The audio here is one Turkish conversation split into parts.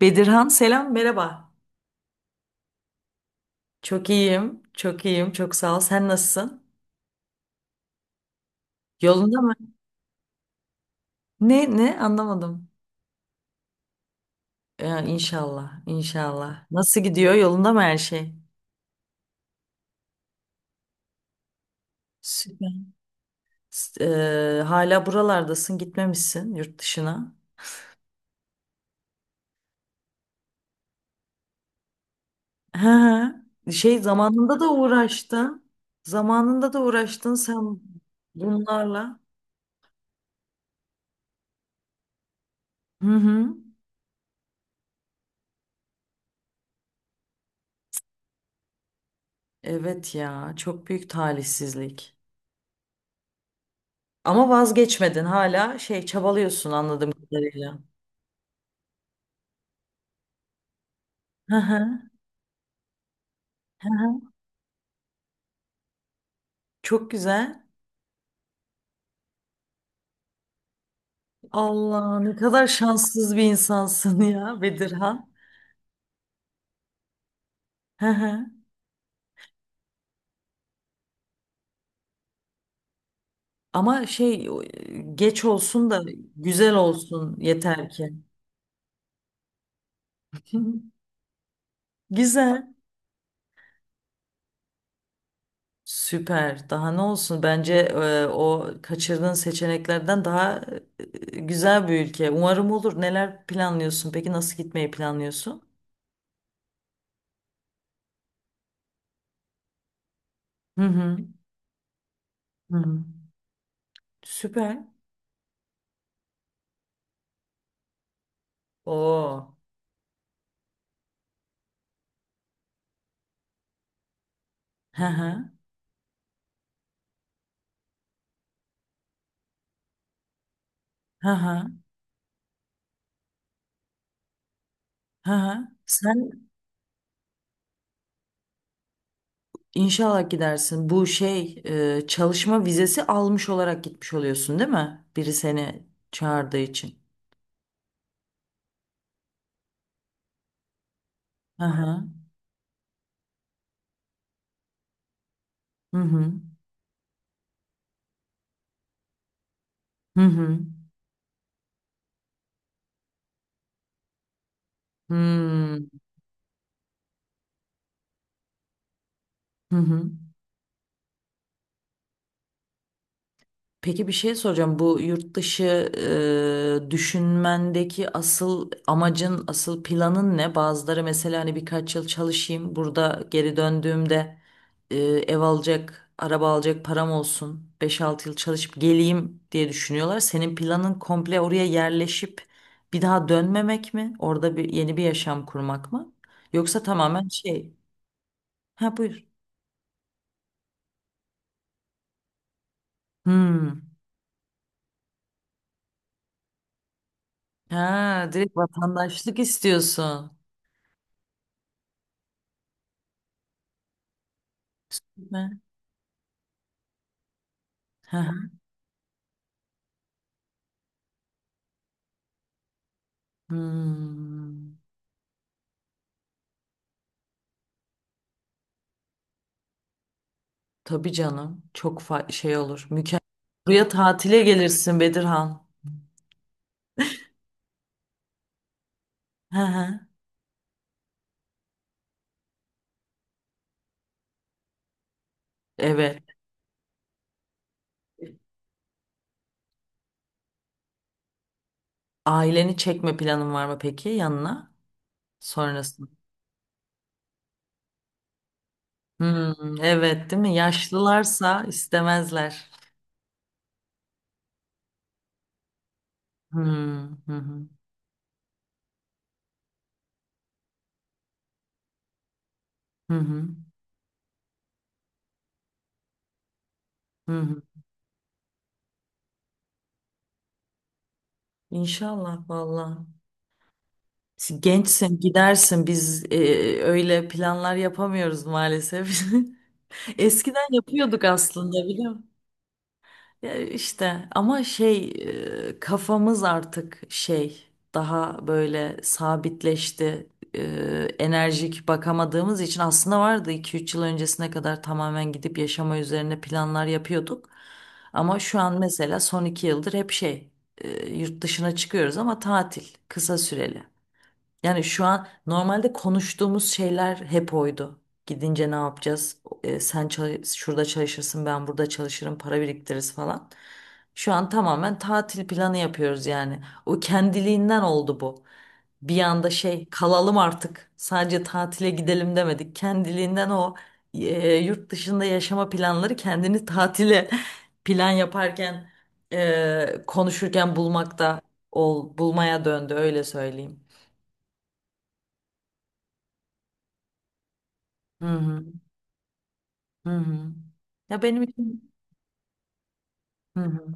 Bedirhan selam merhaba. Çok iyiyim, çok iyiyim, çok sağ ol. Sen nasılsın? Yolunda mı? Ne anlamadım. Ya, inşallah, inşallah. Nasıl gidiyor? Yolunda mı her şey? Süper. Hala buralardasın, gitmemişsin yurt dışına. Hı hı. Şey zamanında da uğraştın. Zamanında da uğraştın sen bunlarla. Hı hı. Evet ya, çok büyük talihsizlik. Ama vazgeçmedin hala şey çabalıyorsun anladığım kadarıyla. Hı hı, hı hı. Çok güzel. Allah ne kadar şanssız bir insansın ya Bedirhan. Hı hı. Ama şey o, geç olsun da güzel olsun yeter ki. Güzel. Süper. Daha ne olsun? Bence o kaçırdığın seçeneklerden daha e, güzel bir ülke. Umarım olur. Neler planlıyorsun? Peki nasıl gitmeyi planlıyorsun? Hı hı. Hı hı. Süper. Oo. Hı hı. Hı hı. Hı hı. İnşallah gidersin. Bu şey çalışma vizesi almış olarak gitmiş oluyorsun, değil mi? Biri seni çağırdığı için. Hı hı. Hı hı. Hı hı. Hmm. Hı hı. Peki bir şey soracağım. Bu yurt dışı düşünmendeki asıl amacın, asıl planın ne? Bazıları mesela hani birkaç yıl çalışayım, burada geri döndüğümde ev alacak, araba alacak param olsun, beş altı yıl çalışıp geleyim diye düşünüyorlar. Senin planın komple oraya yerleşip bir daha dönmemek mi? Orada bir yeni bir yaşam kurmak mı? Yoksa tamamen şey. Ha buyur. Hmm. Ha direkt vatandaşlık istiyorsun. Süper. Hmm, tabii canım. Çok şey olur. Mükemmel. Buraya tatile gelirsin Bedirhan. Hı hı. Evet. Aileni çekme planın var mı peki yanına? Sonrasında. Hmm, evet değil mi? Yaşlılarsa istemezler. Hmm, hı hı, hı hı, hı hı. İnşallah valla. Gençsin gidersin, biz öyle planlar yapamıyoruz maalesef. Eskiden yapıyorduk aslında biliyor musun? Ya işte ama şey kafamız artık şey daha böyle sabitleşti. E, Enerjik bakamadığımız için aslında vardı 2-3 yıl öncesine kadar tamamen gidip yaşama üzerine planlar yapıyorduk. Ama şu an mesela son 2 yıldır hep şey yurt dışına çıkıyoruz ama tatil kısa süreli. Yani şu an normalde konuştuğumuz şeyler hep oydu. Gidince ne yapacağız? Sen şurada çalışırsın, ben burada çalışırım, para biriktiririz falan. Şu an tamamen tatil planı yapıyoruz yani. O kendiliğinden oldu bu. Bir anda şey kalalım artık. Sadece tatile gidelim demedik. Kendiliğinden o yurt dışında yaşama planları kendini tatile plan yaparken konuşurken bulmakta bulmaya döndü öyle söyleyeyim. Hı hı. Hı hı. Ya benim için hı hı.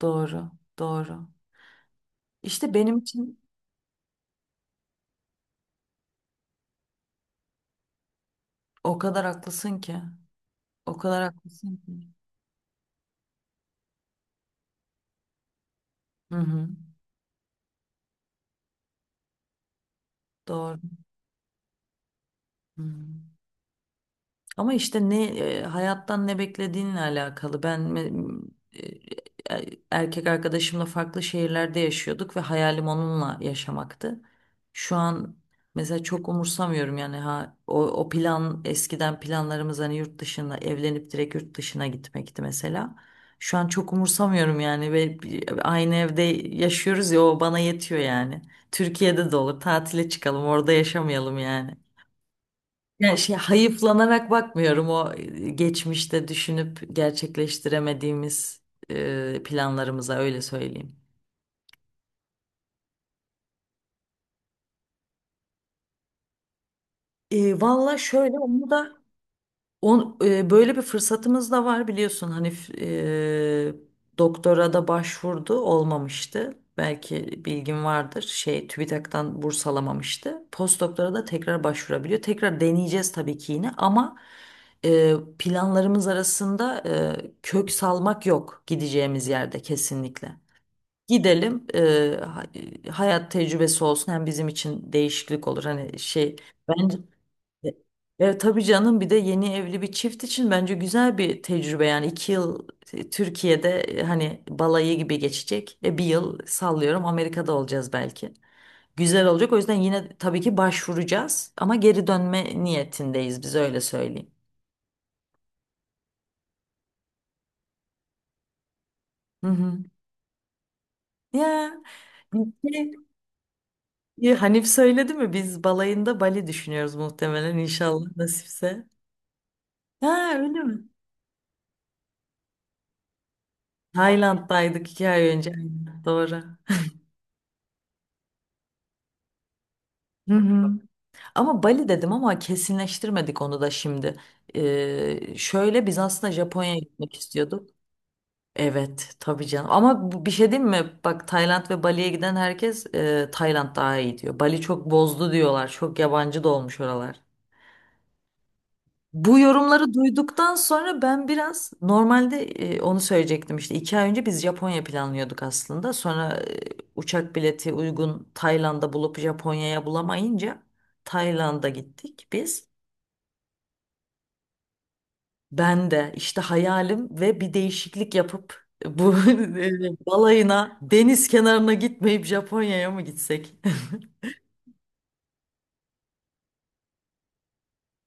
Doğru, doğru. İşte benim için o kadar haklısın ki. O kadar haklısın ki. Hı hı. Doğru. Hı. Ama işte ne hayattan ne beklediğinle alakalı. Ben e, erkek arkadaşımla farklı şehirlerde yaşıyorduk ve hayalim onunla yaşamaktı. Şu an mesela çok umursamıyorum yani o plan eskiden planlarımız hani yurt dışına evlenip direkt yurt dışına gitmekti mesela. Şu an çok umursamıyorum yani ve aynı evde yaşıyoruz ya o bana yetiyor yani. Türkiye'de de olur tatile çıkalım orada yaşamayalım yani. Yani şey hayıflanarak bakmıyorum o geçmişte düşünüp gerçekleştiremediğimiz planlarımıza öyle söyleyeyim. Valla şöyle onu da böyle bir fırsatımız da var biliyorsun hani e, doktora da başvurdu olmamıştı. Belki bilgin vardır şey TÜBİTAK'tan burs alamamıştı. Postdoktora da tekrar başvurabiliyor. Tekrar deneyeceğiz tabii ki yine ama planlarımız arasında kök salmak yok gideceğimiz yerde kesinlikle. Gidelim ha- hayat tecrübesi olsun hem bizim için değişiklik olur hani şey. Bence e, tabii canım bir de yeni evli bir çift için bence güzel bir tecrübe yani 2 yıl Türkiye'de hani balayı gibi geçecek. Bir yıl sallıyorum Amerika'da olacağız belki. Güzel olacak o yüzden yine tabii ki başvuracağız ama geri dönme niyetindeyiz biz öyle söyleyeyim. Hı hı. Ya peki, Hanif söyledi mi biz balayında Bali düşünüyoruz muhtemelen inşallah nasipse. Ha öyle mi? Tayland'daydık 2 ay önce. Doğru. Hı hı. Ama Bali dedim ama kesinleştirmedik onu da şimdi. Şöyle biz aslında Japonya'ya gitmek istiyorduk. Evet tabii canım. Ama bir şey diyeyim mi? Bak Tayland ve Bali'ye giden herkes Tayland daha iyi diyor. Bali çok bozdu diyorlar. Çok yabancı da olmuş oralar. Bu yorumları duyduktan sonra ben biraz normalde onu söyleyecektim işte 2 ay önce biz Japonya planlıyorduk aslında. Sonra uçak bileti uygun Tayland'da bulup Japonya'ya bulamayınca Tayland'a gittik biz. Ben de işte hayalim ve bir değişiklik yapıp bu balayına deniz kenarına gitmeyip Japonya'ya mı gitsek?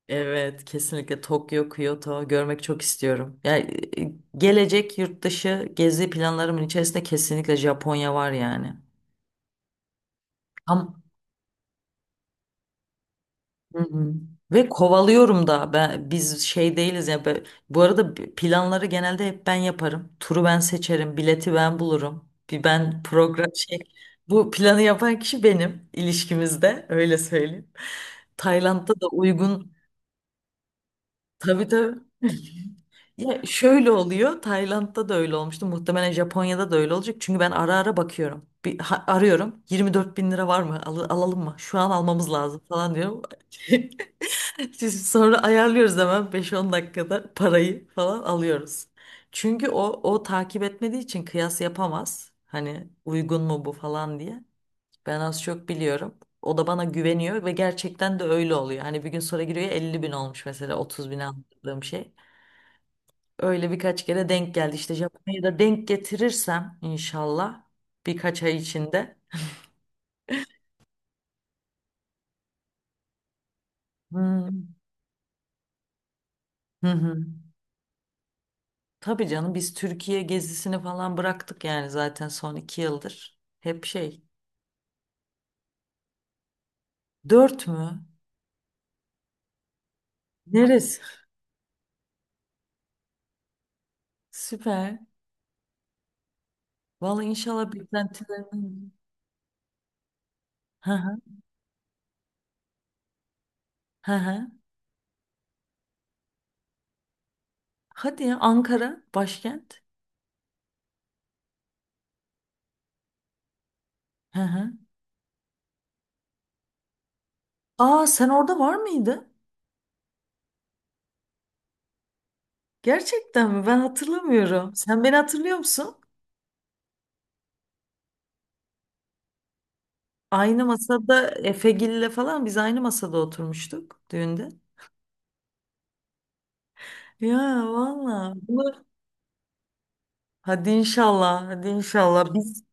Evet, kesinlikle Tokyo, Kyoto görmek çok istiyorum. Yani e, gelecek yurt dışı gezi planlarımın içerisinde kesinlikle Japonya var yani. Tam Hı hı. Ve kovalıyorum da ben biz şey değiliz ya bu arada planları genelde hep ben yaparım. Turu ben seçerim, bileti ben bulurum. Bir ben program şey bu planı yapan kişi benim ilişkimizde öyle söyleyeyim. Tayland'da da uygun tabii tabii. Ya şöyle oluyor. Tayland'da da öyle olmuştu. Muhtemelen Japonya'da da öyle olacak. Çünkü ben ara ara bakıyorum. Bir arıyorum. 24 bin lira var mı? Alalım mı? Şu an almamız lazım falan diyorum. Siz sonra ayarlıyoruz hemen beş on dakikada parayı falan alıyoruz. Çünkü o takip etmediği için kıyas yapamaz. Hani uygun mu bu falan diye. Ben az çok biliyorum. O da bana güveniyor ve gerçekten de öyle oluyor. Hani bir gün sonra giriyor 50 bin olmuş mesela 30 bine aldığım şey. Öyle birkaç kere denk geldi. İşte Japonya'da denk getirirsem inşallah birkaç ay içinde. Hmm. Hı hı. Tabii canım biz Türkiye gezisini falan bıraktık yani zaten son 2 yıldır. Hep şey. Dört mü? Neresi? Süper. Vallahi inşallah beklentilerin. Hı hı, hı hı. Hadi ya Ankara başkent. Hı hı. Aa sen orada var mıydın? Gerçekten mi? Ben hatırlamıyorum. Sen beni hatırlıyor musun? Aynı masada Efegil'le falan biz aynı masada oturmuştuk düğünde. Ya valla. Hadi inşallah, hadi inşallah.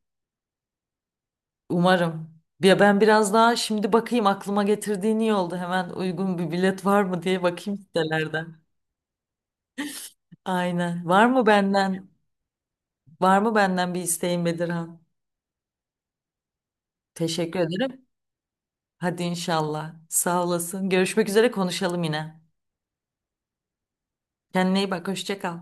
Umarım. Ya ben biraz daha şimdi bakayım aklıma getirdiğin iyi oldu. Hemen uygun bir bilet var mı diye bakayım sitelerden. Aynen. Var mı benden? Var mı benden bir isteğin Bedirhan? Teşekkür ederim. Hadi inşallah. Sağ olasın. Görüşmek üzere konuşalım yine. Kendine iyi bak. Hoşça kal.